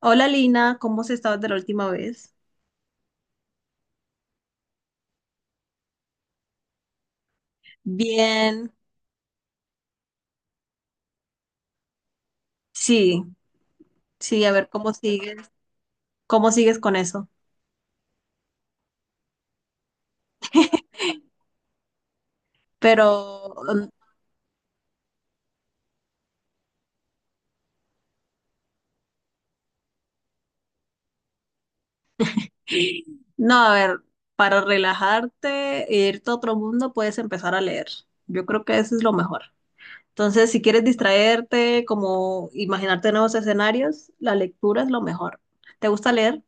Hola Lina, ¿cómo has estado desde la última vez? Bien, sí, sí, a ver cómo sigues con eso. Pero no, a ver, para relajarte e irte a otro mundo puedes empezar a leer. Yo creo que eso es lo mejor. Entonces, si quieres distraerte, como imaginarte nuevos escenarios, la lectura es lo mejor. ¿Te gusta leer?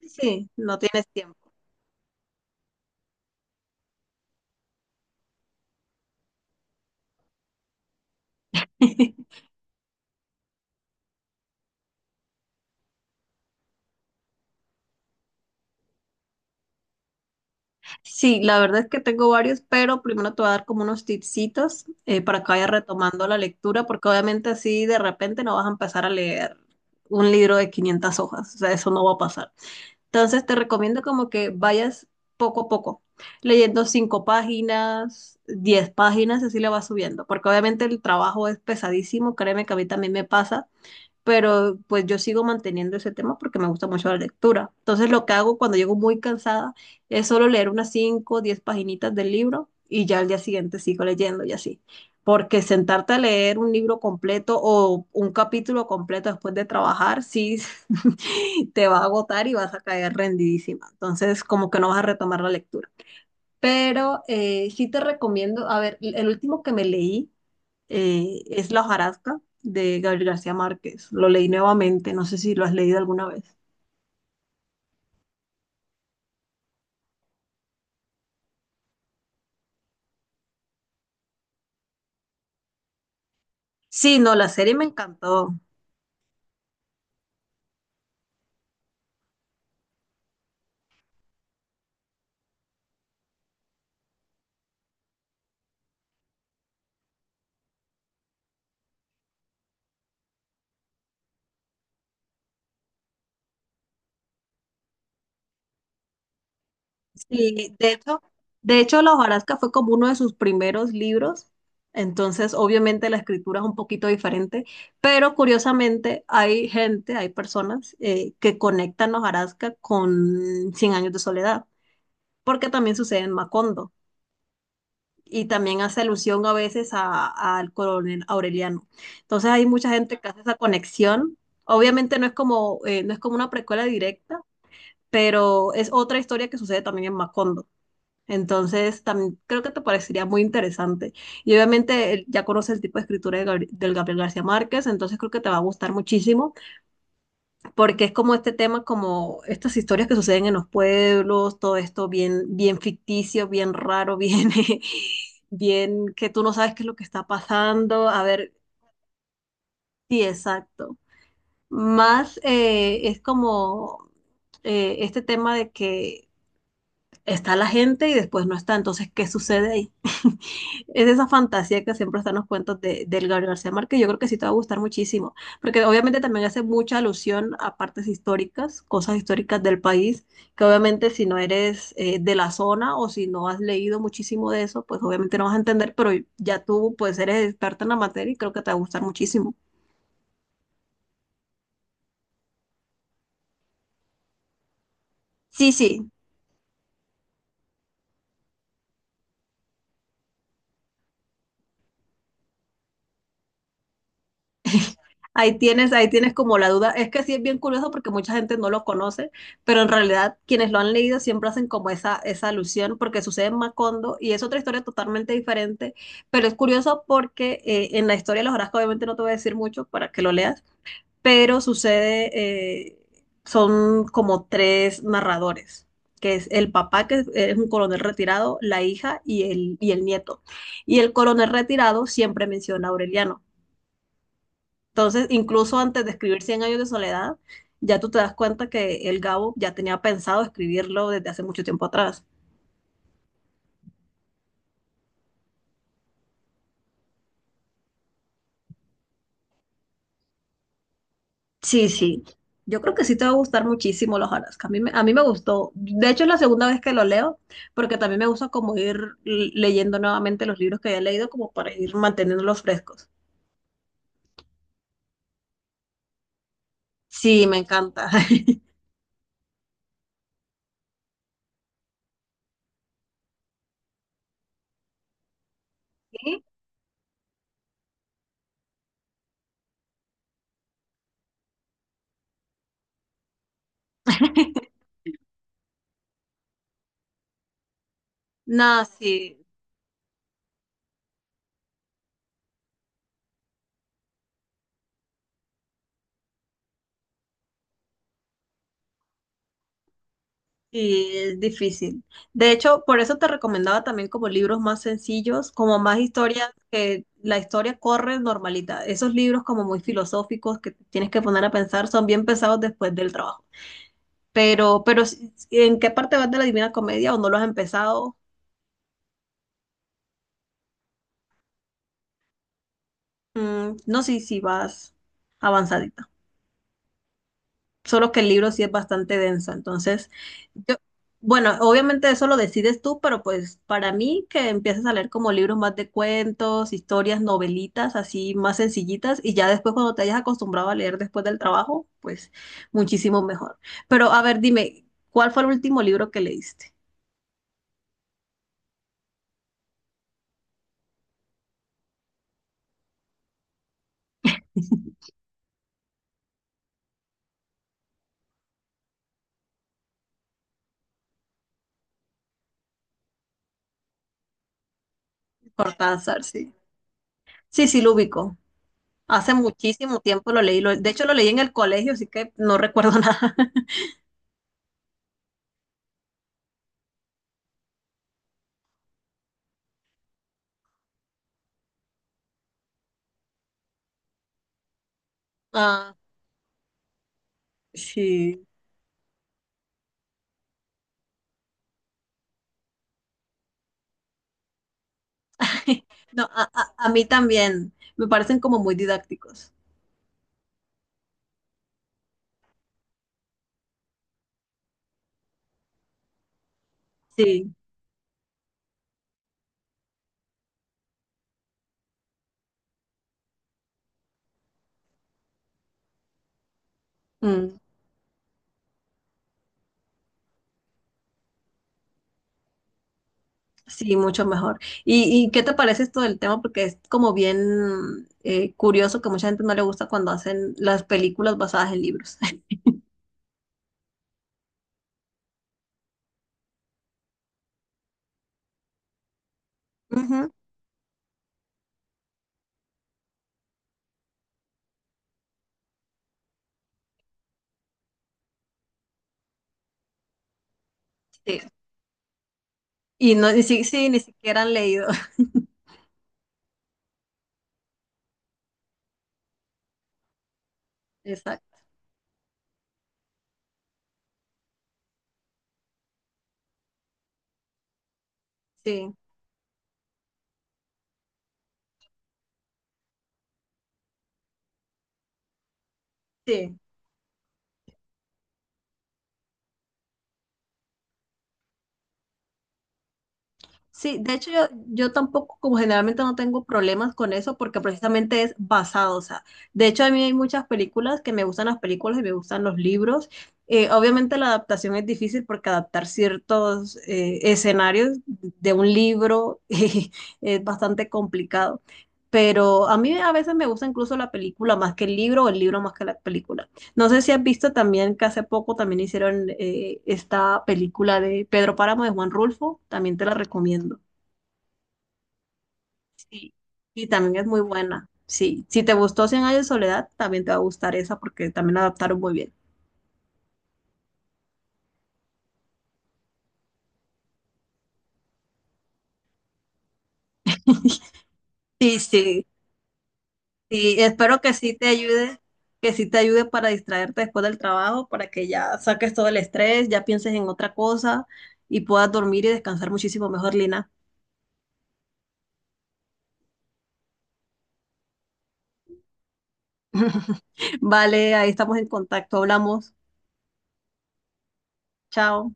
Sí, no tienes tiempo. Sí, la verdad es que tengo varios, pero primero te voy a dar como unos tipsitos para que vayas retomando la lectura, porque obviamente así de repente no vas a empezar a leer un libro de 500 hojas, o sea, eso no va a pasar. Entonces te recomiendo como que vayas poco a poco, leyendo 5 páginas, 10 páginas, así le vas subiendo, porque obviamente el trabajo es pesadísimo, créeme que a mí también me pasa, pero pues yo sigo manteniendo ese tema porque me gusta mucho la lectura. Entonces lo que hago cuando llego muy cansada es solo leer unas 5 o 10 paginitas del libro y ya al día siguiente sigo leyendo y así. Porque sentarte a leer un libro completo o un capítulo completo después de trabajar, sí, te va a agotar y vas a caer rendidísima. Entonces como que no vas a retomar la lectura. Pero sí te recomiendo, a ver, el último que me leí es La hojarasca de Gabriel García Márquez. Lo leí nuevamente, no sé si lo has leído alguna vez. Sí, no, la serie me encantó. Sí, de hecho, La hojarasca fue como uno de sus primeros libros, entonces obviamente la escritura es un poquito diferente, pero curiosamente hay gente, hay personas que conectan La hojarasca con Cien años de soledad, porque también sucede en Macondo. Y también hace alusión a veces al coronel Aureliano. Entonces hay mucha gente que hace esa conexión. Obviamente no es como, no es como una precuela directa, pero es otra historia que sucede también en Macondo. Entonces también creo que te parecería muy interesante. Y obviamente ya conoces el tipo de escritura de del Gabriel García Márquez, entonces creo que te va a gustar muchísimo porque es como este tema, como estas historias que suceden en los pueblos, todo esto bien, bien ficticio, bien raro, bien, bien que tú no sabes qué es lo que está pasando. A ver, sí, exacto. Más es como este tema de que está la gente y después no está. Entonces, ¿qué sucede ahí? Es esa fantasía que siempre están los cuentos de, del Gabriel García Márquez. Yo creo que sí te va a gustar muchísimo, porque obviamente también hace mucha alusión a partes históricas, cosas históricas del país, que obviamente si no eres de la zona o si no has leído muchísimo de eso, pues obviamente no vas a entender, pero ya tú pues eres experta en la materia y creo que te va a gustar muchísimo. Sí, sí, ahí tienes, ahí tienes como la duda. Es que sí es bien curioso porque mucha gente no lo conoce, pero en realidad quienes lo han leído siempre hacen como esa alusión porque sucede en Macondo y es otra historia totalmente diferente, pero es curioso porque en la historia de los Orozco obviamente no te voy a decir mucho para que lo leas, pero sucede, son como tres narradores, que es el papá que es un coronel retirado, la hija y el nieto. Y el coronel retirado siempre menciona a Aureliano entonces, incluso antes de escribir Cien años de soledad, ya tú te das cuenta que el Gabo ya tenía pensado escribirlo desde hace mucho tiempo atrás. Sí, sí. Yo creo que sí te va a gustar muchísimo los Alaska. A mí, a mí me gustó. De hecho, es la segunda vez que lo leo, porque también me gusta como ir leyendo nuevamente los libros que había leído, como para ir manteniéndolos frescos. Sí, me encanta. ¿Sí? No, sí. Sí, es difícil. De hecho, por eso te recomendaba también como libros más sencillos, como más historias, que la historia corre normalita. Esos libros como muy filosóficos que te tienes que poner a pensar son bien pesados después del trabajo. Pero ¿en qué parte vas de la Divina Comedia o no lo has empezado? Mm, no sé si vas avanzadita. Solo que el libro sí es bastante denso. Entonces, yo, bueno, obviamente eso lo decides tú, pero pues para mí que empieces a leer como libros más de cuentos, historias, novelitas, así más sencillitas, y ya después cuando te hayas acostumbrado a leer después del trabajo, pues muchísimo mejor. Pero a ver, dime, ¿cuál fue el último libro que leíste? Cortázar, sí. Sí, sí, lo ubico. Hace muchísimo tiempo lo leí. De hecho, lo leí en el colegio, así que no recuerdo nada. Ah, sí. No, a mí también. Me parecen como muy didácticos. Sí, mm, sí, mucho mejor. Y qué te parece esto del tema? Porque es como bien curioso que mucha gente no le gusta cuando hacen las películas basadas en libros. Ujú. Sí. Y no, y sí, sí, ni siquiera han leído. Exacto. Sí, sí. Sí, de hecho yo, yo tampoco, como generalmente no tengo problemas con eso porque precisamente es basado, o sea, de hecho a mí hay muchas películas que me gustan las películas y me gustan los libros. Obviamente la adaptación es difícil porque adaptar ciertos escenarios de un libro es bastante complicado, pero a mí a veces me gusta incluso la película más que el libro o el libro más que la película. No sé si has visto también que hace poco también hicieron esta película de Pedro Páramo de Juan Rulfo, también te la recomiendo. Sí. Y también es muy buena. Sí, si te gustó Cien años de soledad, también te va a gustar esa porque también la adaptaron muy bien. Sí, sí, sí, espero que sí te ayude, que sí te ayude para distraerte después del trabajo, para que ya saques todo el estrés, ya pienses en otra cosa y puedas dormir y descansar muchísimo mejor, Lina. Vale, ahí estamos en contacto, hablamos. Chao.